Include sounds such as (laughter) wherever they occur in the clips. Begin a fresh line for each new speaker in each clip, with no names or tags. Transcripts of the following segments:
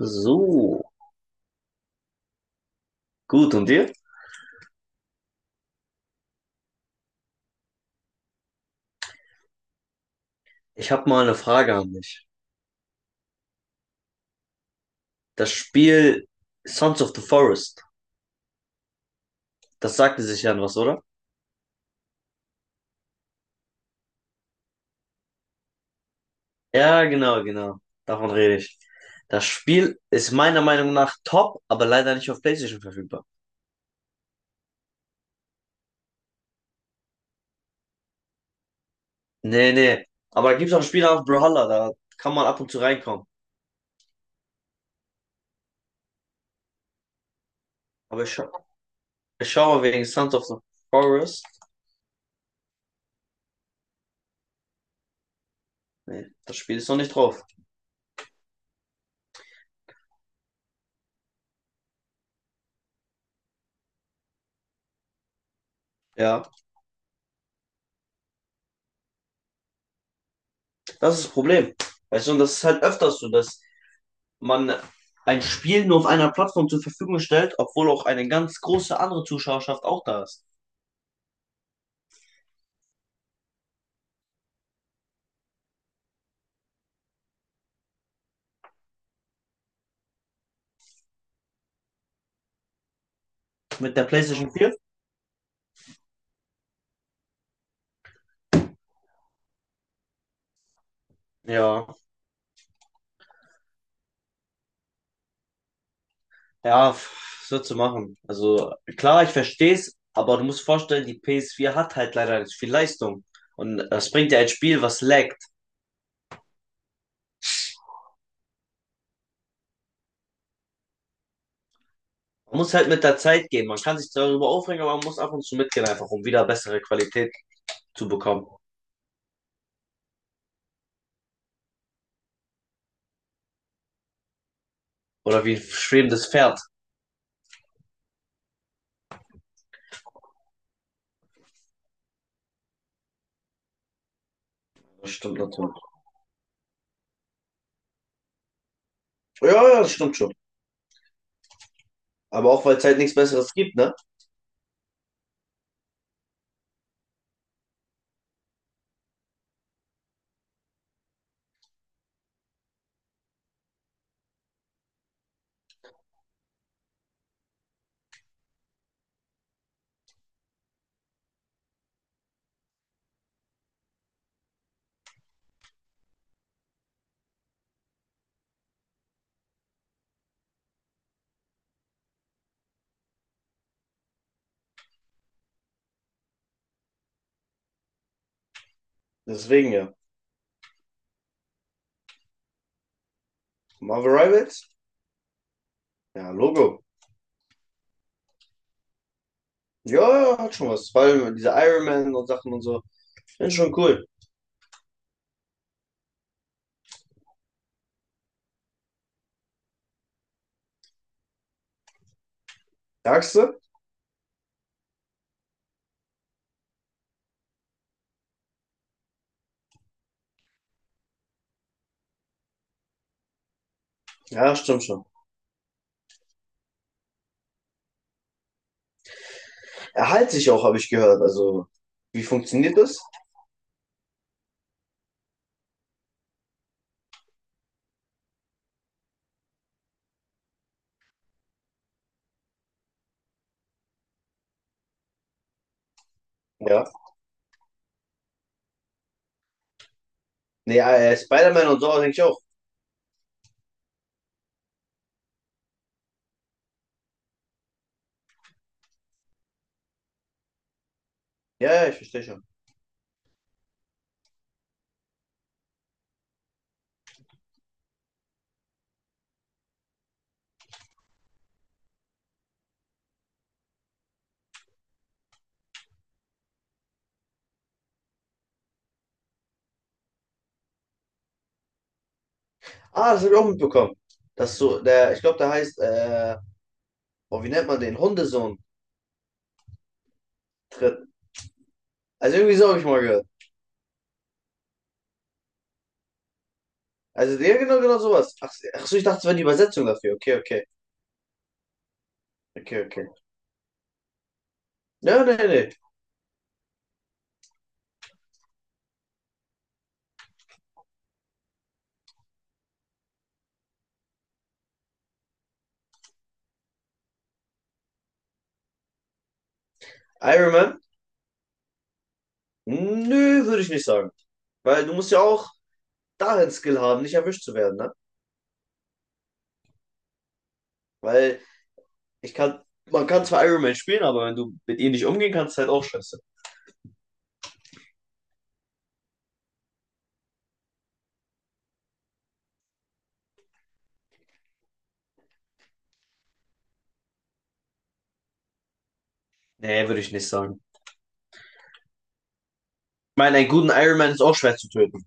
So, gut, und dir? Ich habe mal eine Frage an dich. Das Spiel Sons of the Forest, das sagte sich ja was, oder? Ja, genau, genau. Davon rede ich. Das Spiel ist meiner Meinung nach top, aber leider nicht auf PlayStation verfügbar. Nee, nee. Aber da gibt es auch Spiele auf Brawlhalla, da kann man ab und zu reinkommen. Aber ich schaue mal wegen Sons of the Forest. Nee, das Spiel ist noch nicht drauf. Ja, das ist das Problem. Weißt du, und das ist halt öfters so, dass man ein Spiel nur auf einer Plattform zur Verfügung stellt, obwohl auch eine ganz große andere Zuschauerschaft auch da ist. Mit der PlayStation 4. Ja. Ja, pff, was willst du machen? Also klar, ich verstehe es, aber du musst vorstellen, die PS4 hat halt leider nicht viel Leistung. Und das bringt ja ein Spiel, was laggt. Man muss halt mit der Zeit gehen. Man kann sich darüber aufregen, aber man muss ab und zu mitgehen, einfach um wieder bessere Qualität zu bekommen. Oder wie ein schwebendes Pferd. Das stimmt natürlich. Ja, ja, das stimmt schon. Aber auch, weil es halt nichts Besseres gibt, ne? Deswegen ja. Marvel Rivals? Ja, Logo. Ja, ja, hat schon was. Vor allem diese Iron Man und Sachen und so. Finde ich schon cool. Sagst du? Ja, stimmt schon. Er heilt sich auch, habe ich gehört. Also, wie funktioniert das? Ja. Nee, Spider-Man und so, denke ich auch. Ja, ja, ich verstehe schon. Ah, das habe ich auch mitbekommen. Dass so, ich glaube, der heißt, oh, wie nennt man den? Hundesohn tritt. Also irgendwie so habe ich mal gehört. Also, ja, genau, genau sowas. Ach, ach so, ich dachte, es wäre die Übersetzung dafür. Okay, okay. Okay, okay. Ja, nee, nee. Iron Man. Nö, würde ich nicht sagen. Weil du musst ja auch darin Skill haben, nicht erwischt zu werden, ne? Weil ich kann, man kann zwar Iron Man spielen, aber wenn du mit ihm nicht umgehen kannst, ist halt auch scheiße. Nee, würde ich nicht sagen. Ich meine, einen guten Iron Man ist auch schwer zu töten.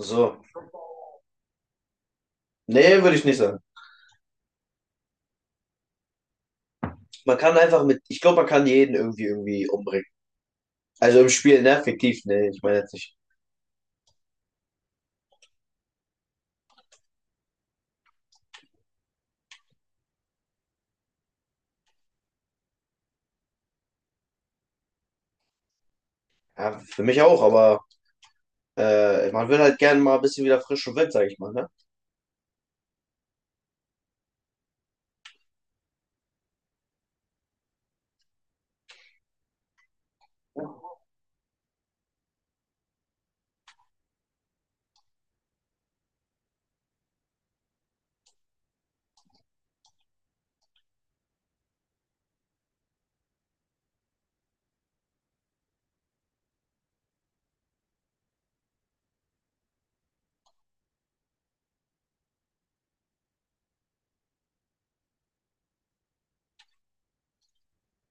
So. Nee, würde ich nicht sagen. Man kann einfach mit, ich glaube, man kann jeden irgendwie umbringen. Also im Spiel, ne? Fiktiv, nee, ich meine jetzt nicht. Ja, für mich auch, aber man will halt gerne mal ein bisschen wieder frisch und wild, sag ich mal, ne?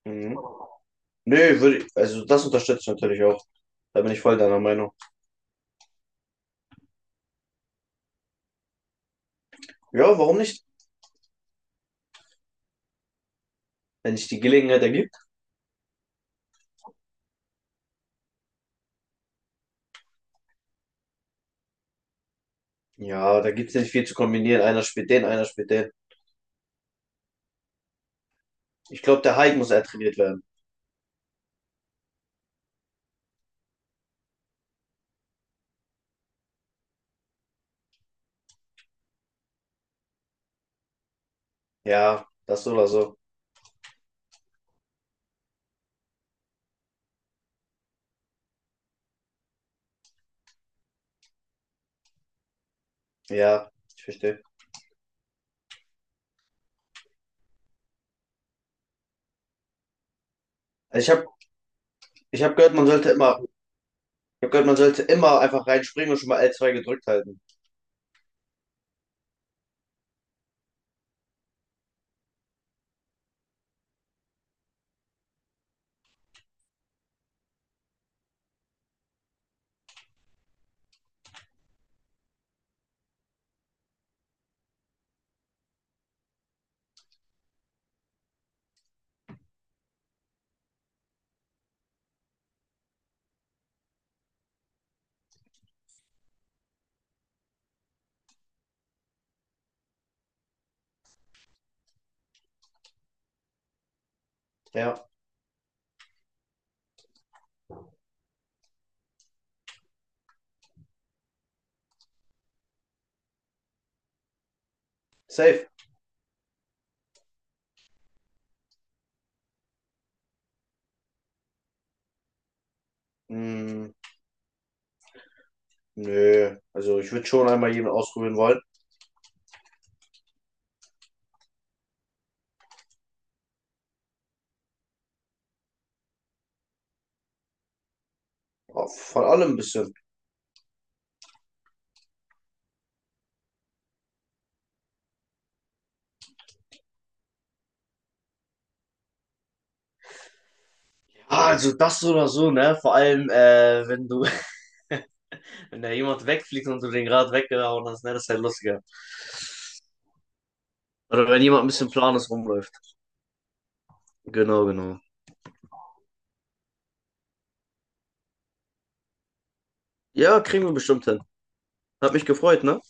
Mhm. Nee, würde ich, also das unterstütze ich natürlich auch. Da bin ich voll deiner Meinung. Ja, warum nicht? Wenn sich die Gelegenheit ergibt. Ja, da gibt es nicht viel zu kombinieren. Einer spielt den, einer spielt den. Ich glaube, der Hype muss trainiert werden. Ja, das so oder so. Ja, ich verstehe. Also ich habe ich hab gehört, ich hab gehört, man sollte immer einfach reinspringen und schon mal L2 gedrückt halten. Ja, safe. Hm, nö. Also ich würde schon einmal jeden ausprobieren wollen. Ja, von allem ein bisschen. Ah, also das so oder so, ne? Vor allem, wenn du (laughs) wenn da jemand wegfliegt und du den gerade weggehauen hast, ne, das ist halt lustiger. Oder wenn jemand ein bisschen planlos rumläuft. Genau, genau. Ja, kriegen wir bestimmt hin. Hat mich gefreut, ne?